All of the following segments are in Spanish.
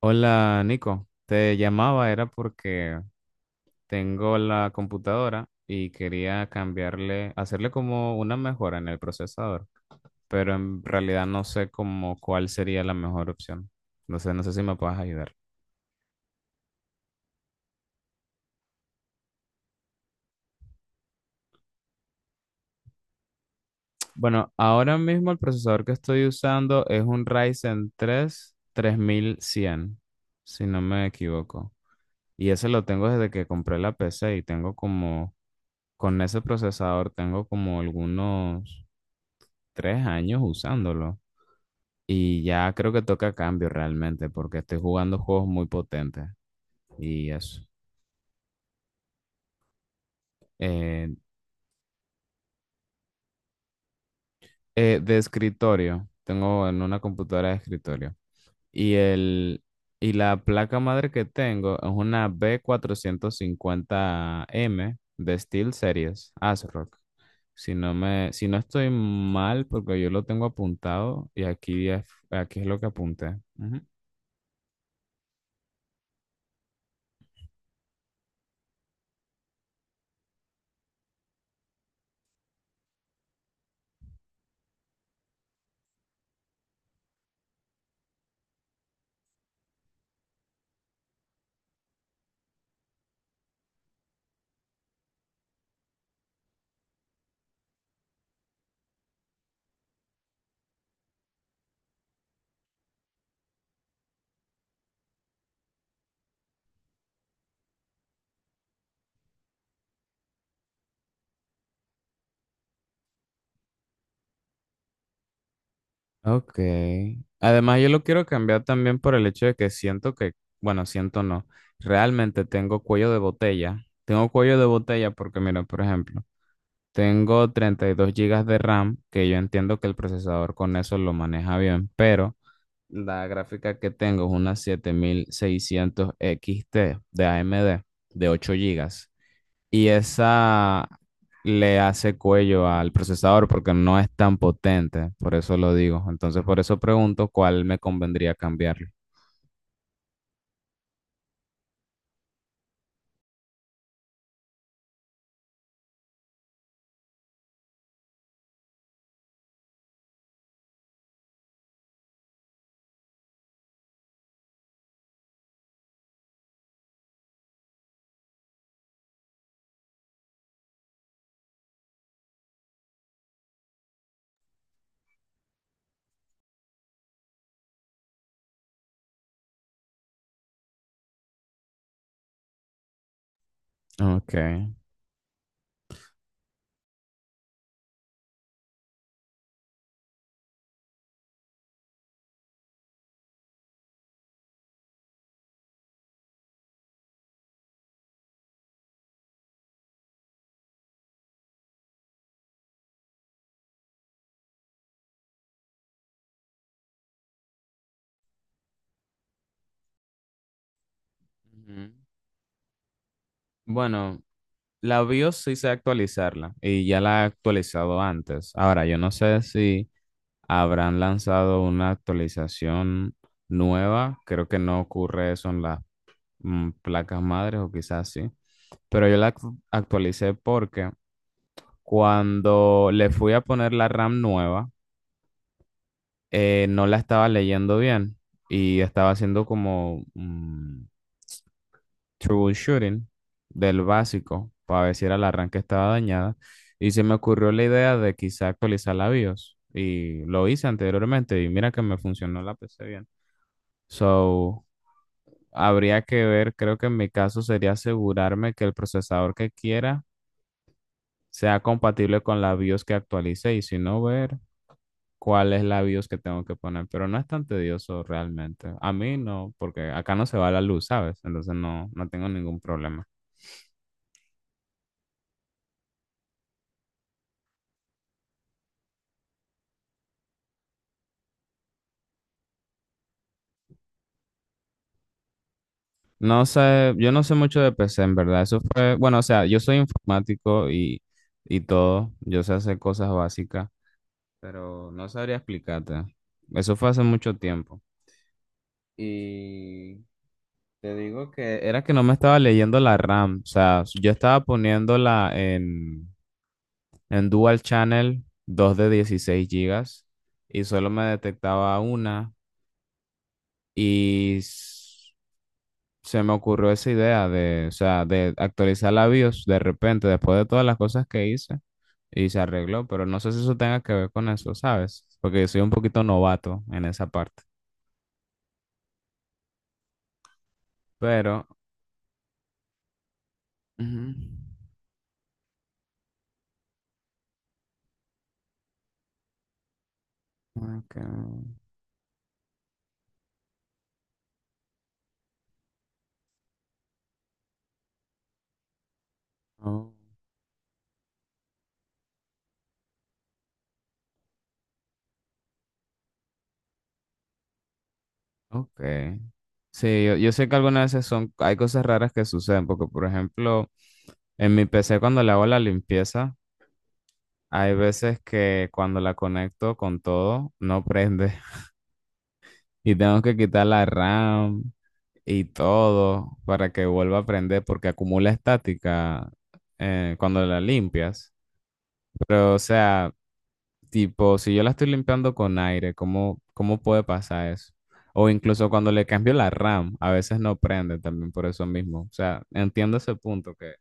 Hola Nico, te llamaba era porque tengo la computadora y quería cambiarle, hacerle como una mejora en el procesador, pero en realidad no sé como cuál sería la mejor opción. No sé si me puedes ayudar. Bueno, ahora mismo el procesador que estoy usando es un Ryzen 3 3100, si no me equivoco. Y ese lo tengo desde que compré la PC y tengo como, con ese procesador tengo como algunos 3 años usándolo y ya creo que toca cambio realmente porque estoy jugando juegos muy potentes y eso. Eh, de escritorio, tengo en una computadora de escritorio y, el, y la placa madre que tengo es una B450M de SteelSeries ASRock. Si no estoy mal, porque yo lo tengo apuntado y aquí es lo que apunté. Ujú. Ok. Además, yo lo quiero cambiar también por el hecho de que siento que, bueno, siento no, realmente tengo cuello de botella. Tengo cuello de botella porque, mira, por ejemplo, tengo 32 gigas de RAM, que yo entiendo que el procesador con eso lo maneja bien, pero la gráfica que tengo es una 7600 XT de AMD de 8 gigas y esa le hace cuello al procesador porque no es tan potente, por eso lo digo. Entonces, por eso pregunto cuál me convendría cambiarlo. Ok. Ujú. Bueno, la BIOS sí sé actualizarla y ya la he actualizado antes. Ahora, yo no sé si habrán lanzado una actualización nueva. Creo que no ocurre eso en las placas madres o quizás sí. Pero yo la actualicé porque cuando le fui a poner la RAM nueva, no la estaba leyendo bien y estaba haciendo como troubleshooting del básico para ver si era la RAM que estaba dañada. Y se me ocurrió la idea de quizá actualizar la BIOS y lo hice anteriormente y mira que me funcionó la PC bien. So, habría que ver, creo que en mi caso sería asegurarme que el procesador que quiera sea compatible con la BIOS que actualice y si no, ver cuál es la BIOS que tengo que poner, pero no es tan tedioso realmente. A mí no, porque acá no se va la luz, ¿sabes? Entonces no, no tengo ningún problema. No sé, yo no sé mucho de PC, en verdad. Eso fue, bueno, o sea, yo soy informático y todo, yo sé hacer cosas básicas, pero no sabría explicarte. Eso fue hace mucho tiempo. Y te digo que era que no me estaba leyendo la RAM, o sea, yo estaba poniéndola en Dual Channel, dos de 16 gigas y solo me detectaba una y se me ocurrió esa idea de, o sea, de actualizar la BIOS de repente después de todas las cosas que hice y se arregló, pero no sé si eso tenga que ver con eso, ¿sabes? Porque soy un poquito novato en esa parte. Pero. Ujú. Ok. Oh. Ok. Sí, yo sé que algunas veces son, hay cosas raras que suceden, porque por ejemplo. En mi PC cuando le hago la limpieza, hay veces que cuando la conecto con todo, no prende. Y tengo que quitar la RAM y todo para que vuelva a prender porque acumula estática cuando la limpias. Pero, o sea, tipo, si yo la estoy limpiando con aire, ¿cómo puede pasar eso? O incluso cuando le cambio la RAM, a veces no prende también por eso mismo. O sea, entiendo ese punto que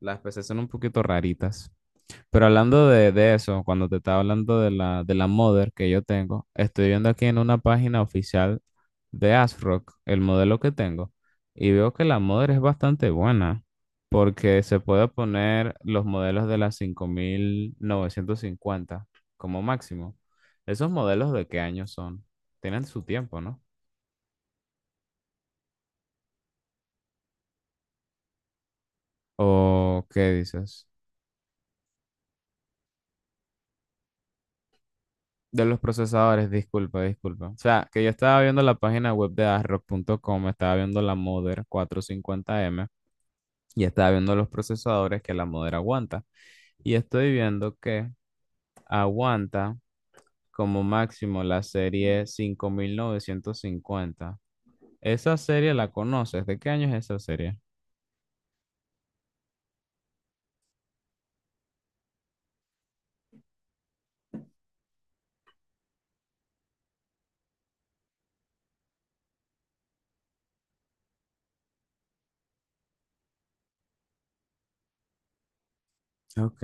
las PC son un poquito raritas. Pero hablando de eso, cuando te estaba hablando de la modder que yo tengo, estoy viendo aquí en una página oficial de ASRock el modelo que tengo y veo que la modder es bastante buena porque se puede poner los modelos de las 5950 como máximo. ¿Esos modelos de qué año son? Tienen su tiempo, ¿no? ¿O qué dices? De los procesadores, disculpa, disculpa. O sea, que yo estaba viendo la página web de ASRock.com, estaba viendo la Mother 450M y estaba viendo los procesadores que la Mother aguanta. Y estoy viendo que aguanta como máximo la serie 5950. ¿Esa serie la conoces? ¿De qué año es esa serie? Ok.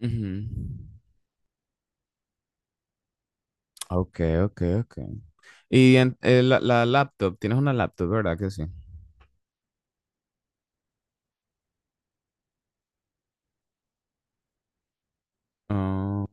Ujú. Ok, ok, ok. Y la laptop, tienes una laptop, ¿verdad que sí? Ah,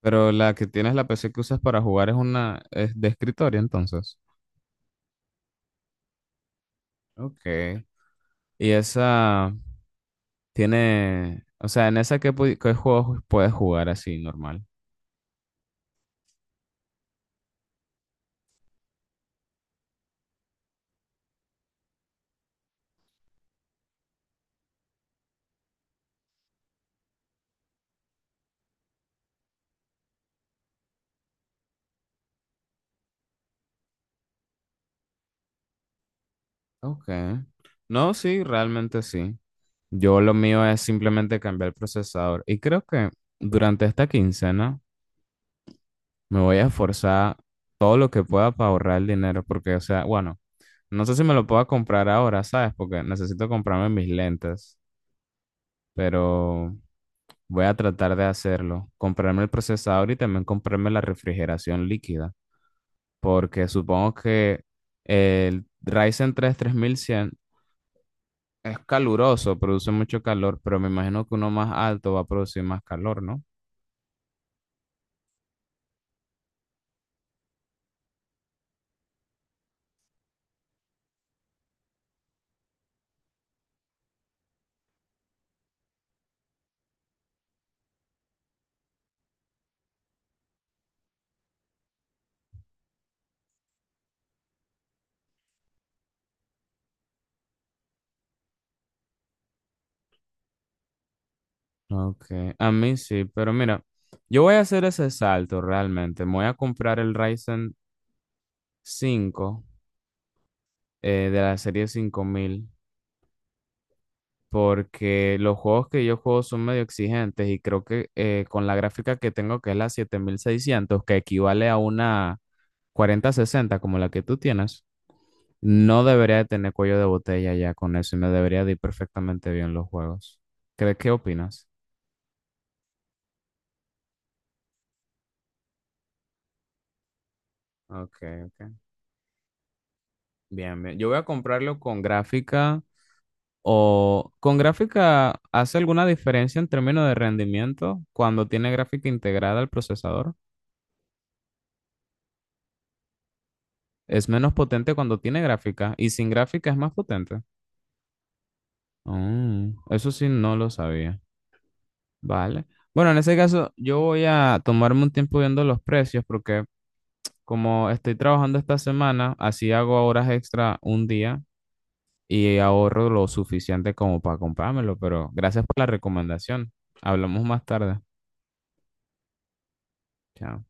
pero la que tienes, la PC que usas para jugar es una, es de escritorio, entonces. Ok. Y esa tiene, o sea, en esa qué juegos puedes jugar así normal. Ok. No, sí, realmente sí. Yo lo mío es simplemente cambiar el procesador. Y creo que durante esta quincena me voy a esforzar todo lo que pueda para ahorrar el dinero. Porque, o sea, bueno, no sé si me lo pueda comprar ahora, ¿sabes? Porque necesito comprarme mis lentes. Pero. Voy a tratar de hacerlo, comprarme el procesador y también comprarme la refrigeración líquida, porque supongo que el Ryzen 3 3100 es caluroso, produce mucho calor, pero me imagino que uno más alto va a producir más calor, ¿no? Ok, a mí sí, pero mira, yo voy a hacer ese salto realmente. Me voy a comprar el Ryzen 5 de la serie 5000 porque los juegos que yo juego son medio exigentes y creo que con la gráfica que tengo, que es la 7600 que equivale a una 4060 como la que tú tienes, no debería de tener cuello de botella ya con eso y me debería de ir perfectamente bien los juegos. ¿Qué opinas? Ok, ok. Bien, bien. Yo voy a comprarlo con gráfica o con gráfica, ¿hace alguna diferencia en términos de rendimiento cuando tiene gráfica integrada al procesador? Es menos potente cuando tiene gráfica y sin gráfica es más potente. Eso sí, no lo sabía. Vale. Bueno, en ese caso, yo voy a tomarme un tiempo viendo los precios porque como estoy trabajando esta semana, así hago horas extra un día y ahorro lo suficiente como para comprármelo. Pero gracias por la recomendación. Hablamos más tarde. Chao.